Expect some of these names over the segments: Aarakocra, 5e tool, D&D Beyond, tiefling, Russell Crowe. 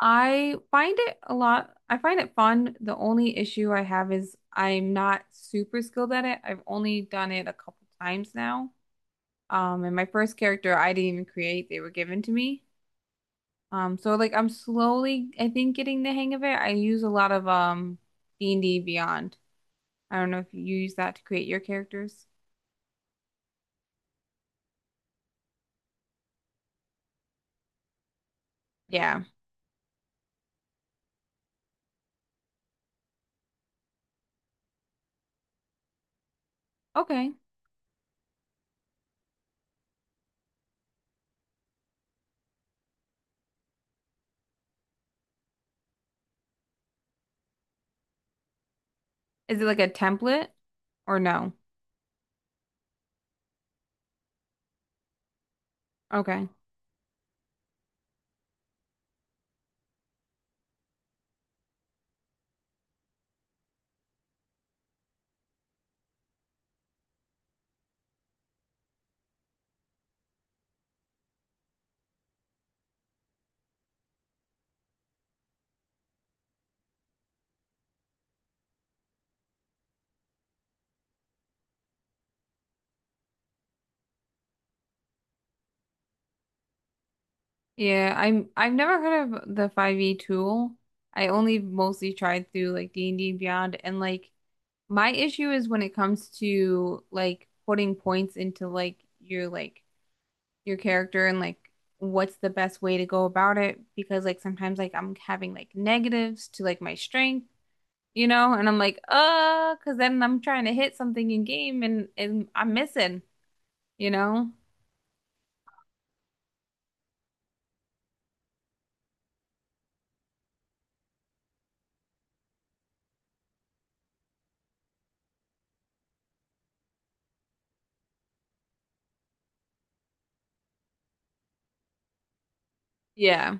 I find it a lot, I find it fun. The only issue I have is I'm not super skilled at it. I've only done it a couple times now. And my first character I didn't even create, they were given to me. So like I'm slowly, I think, getting the hang of it. I use a lot of D&D Beyond. I don't know if you use that to create your characters. Yeah. Okay. Is it like a template or no? Okay. Yeah, I've never heard of the 5e tool. I only mostly tried through like D&D and D and Beyond, and like my issue is when it comes to like putting points into like your character and like what's the best way to go about it, because like sometimes like I'm having like negatives to like my strength, you know, and I'm like, because then I'm trying to hit something in game and I'm missing, you know? Yeah.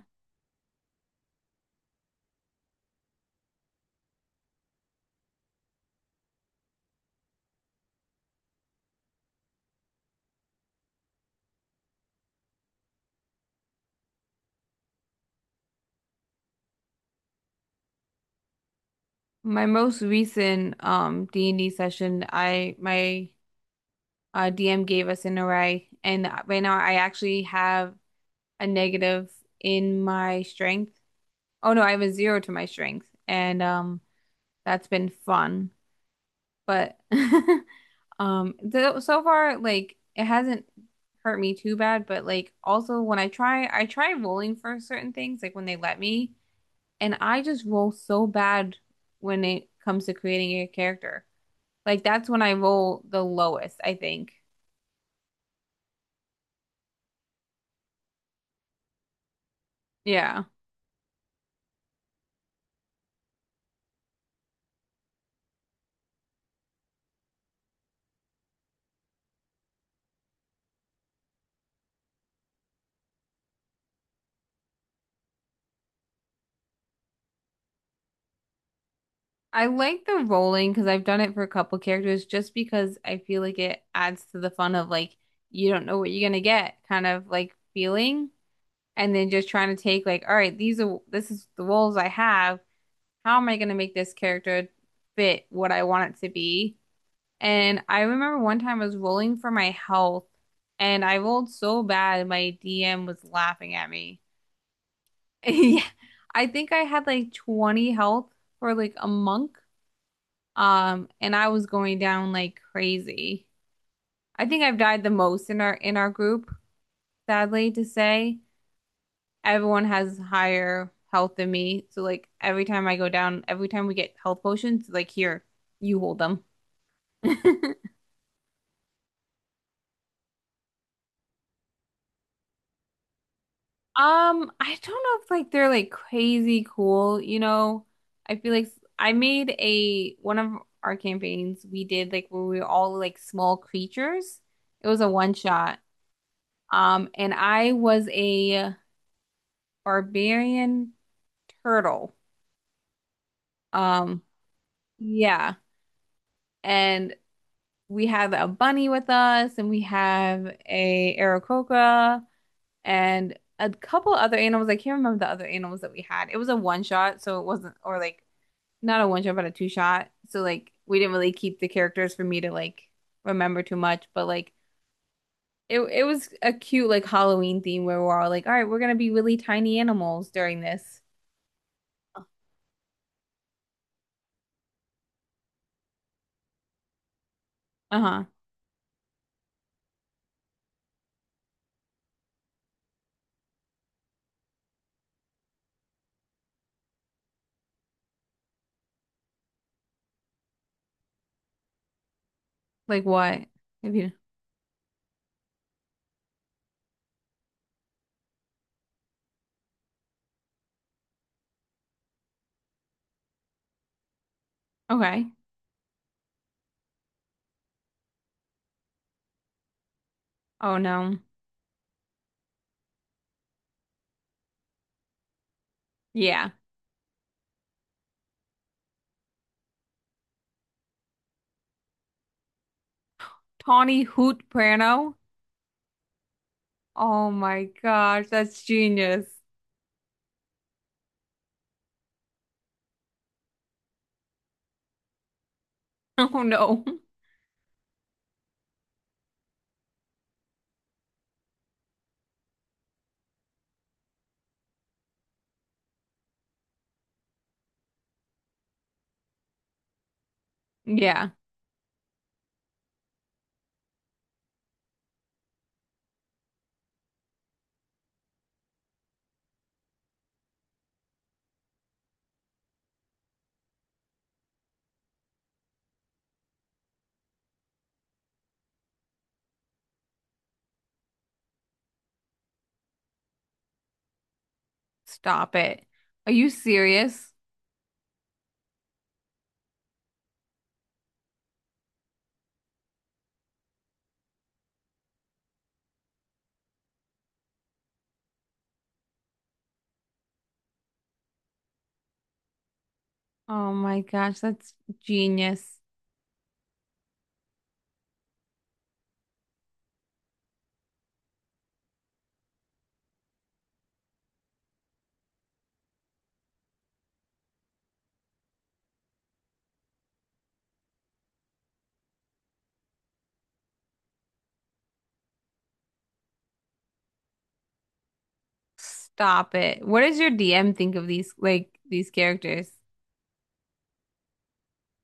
My most recent D&D session, I my DM gave us an array, and right now I actually have a negative in my strength. Oh no, I have a zero to my strength, and that's been fun. But th so far like it hasn't hurt me too bad, but like also when I try rolling for certain things like when they let me, and I just roll so bad when it comes to creating a character. Like that's when I roll the lowest, I think. Yeah. I like the rolling because I've done it for a couple characters, just because I feel like it adds to the fun of like you don't know what you're gonna get kind of like feeling, and then just trying to take like, all right, these are this is the roles I have. How am I gonna make this character fit what I want it to be? And I remember one time I was rolling for my health and I rolled so bad my DM was laughing at me. Yeah, I think I had like 20 health for like a monk. And I was going down like crazy. I think I've died the most in our group, sadly to say. Everyone has higher health than me. So like every time I go down, every time we get health potions, like here, you hold them. I don't know if like they're like crazy cool, you know. I feel like I made a one of our campaigns we did like where we were all like small creatures. It was a one shot. And I was a barbarian turtle. Um, yeah. And we had a bunny with us and we have a Aarakocra and a couple other animals. I can't remember the other animals that we had. It was a one shot, so it wasn't, or like not a one shot, but a two shot. So like we didn't really keep the characters for me to like remember too much, but like it was a cute like Halloween theme where we're all like, all right, we're gonna be really tiny animals during this. Uh-huh. Like what? If you okay. Oh no. Yeah. Tawny Hoot Prano. Oh my gosh, that's genius. Oh no. Yeah. Stop it. Are you serious? Oh my gosh, that's genius. Stop it. What does your DM think of these like these characters?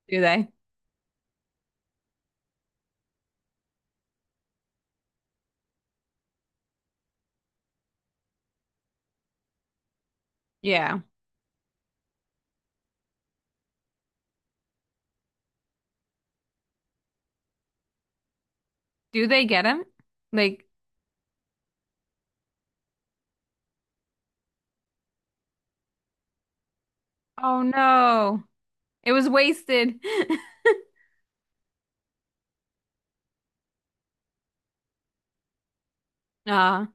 Do they? Yeah. Do they get them? Like, oh no. It was wasted. Ah,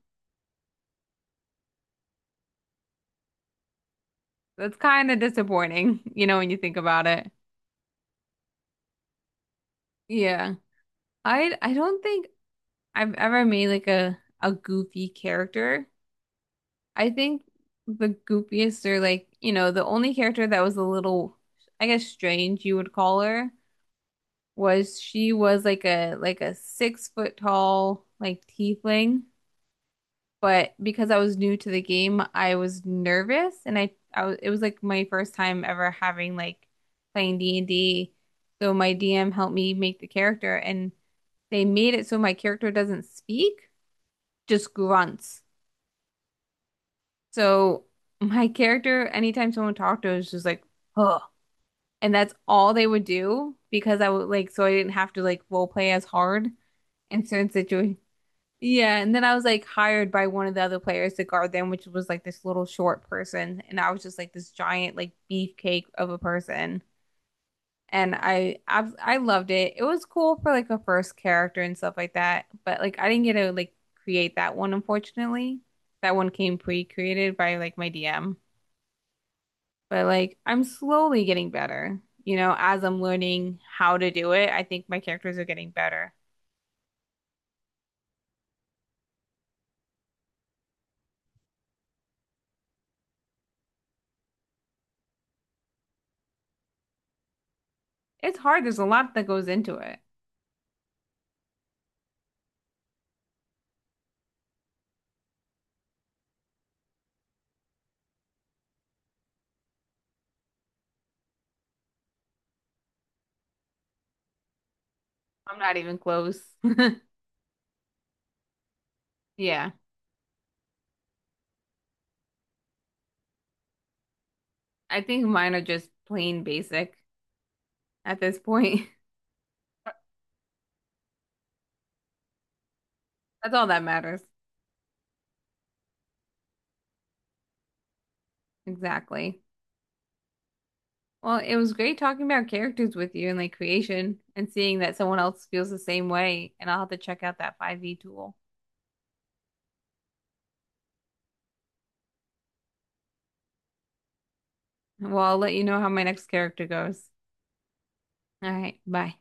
that's kind of disappointing, you know, when you think about it. Yeah. I don't think I've ever made like a goofy character. I think the goofiest are like, you know, the only character that was a little, I guess, strange, you would call her, was she was like a 6 foot tall like tiefling, but because I was new to the game, I was nervous and I was it was like my first time ever having like playing D&D. So my DM helped me make the character and they made it so my character doesn't speak, just grunts. So my character, anytime someone talked to her, was just like, huh. And that's all they would do, because I would like, so I didn't have to like role play as hard in certain situations. Yeah, and then I was like hired by one of the other players to guard them, which was like this little short person, and I was just like this giant like beefcake of a person. And I loved it. It was cool for like a first character and stuff like that, but like I didn't get to like create that one, unfortunately. That one came pre-created by like my DM. But like I'm slowly getting better, you know, as I'm learning how to do it. I think my characters are getting better. It's hard. There's a lot that goes into it. I'm not even close. Yeah. I think mine are just plain basic at this point. That's all that matters. Exactly. Well, it was great talking about characters with you and like creation, and seeing that someone else feels the same way. And I'll have to check out that 5e tool. Well, I'll let you know how my next character goes. All right, bye.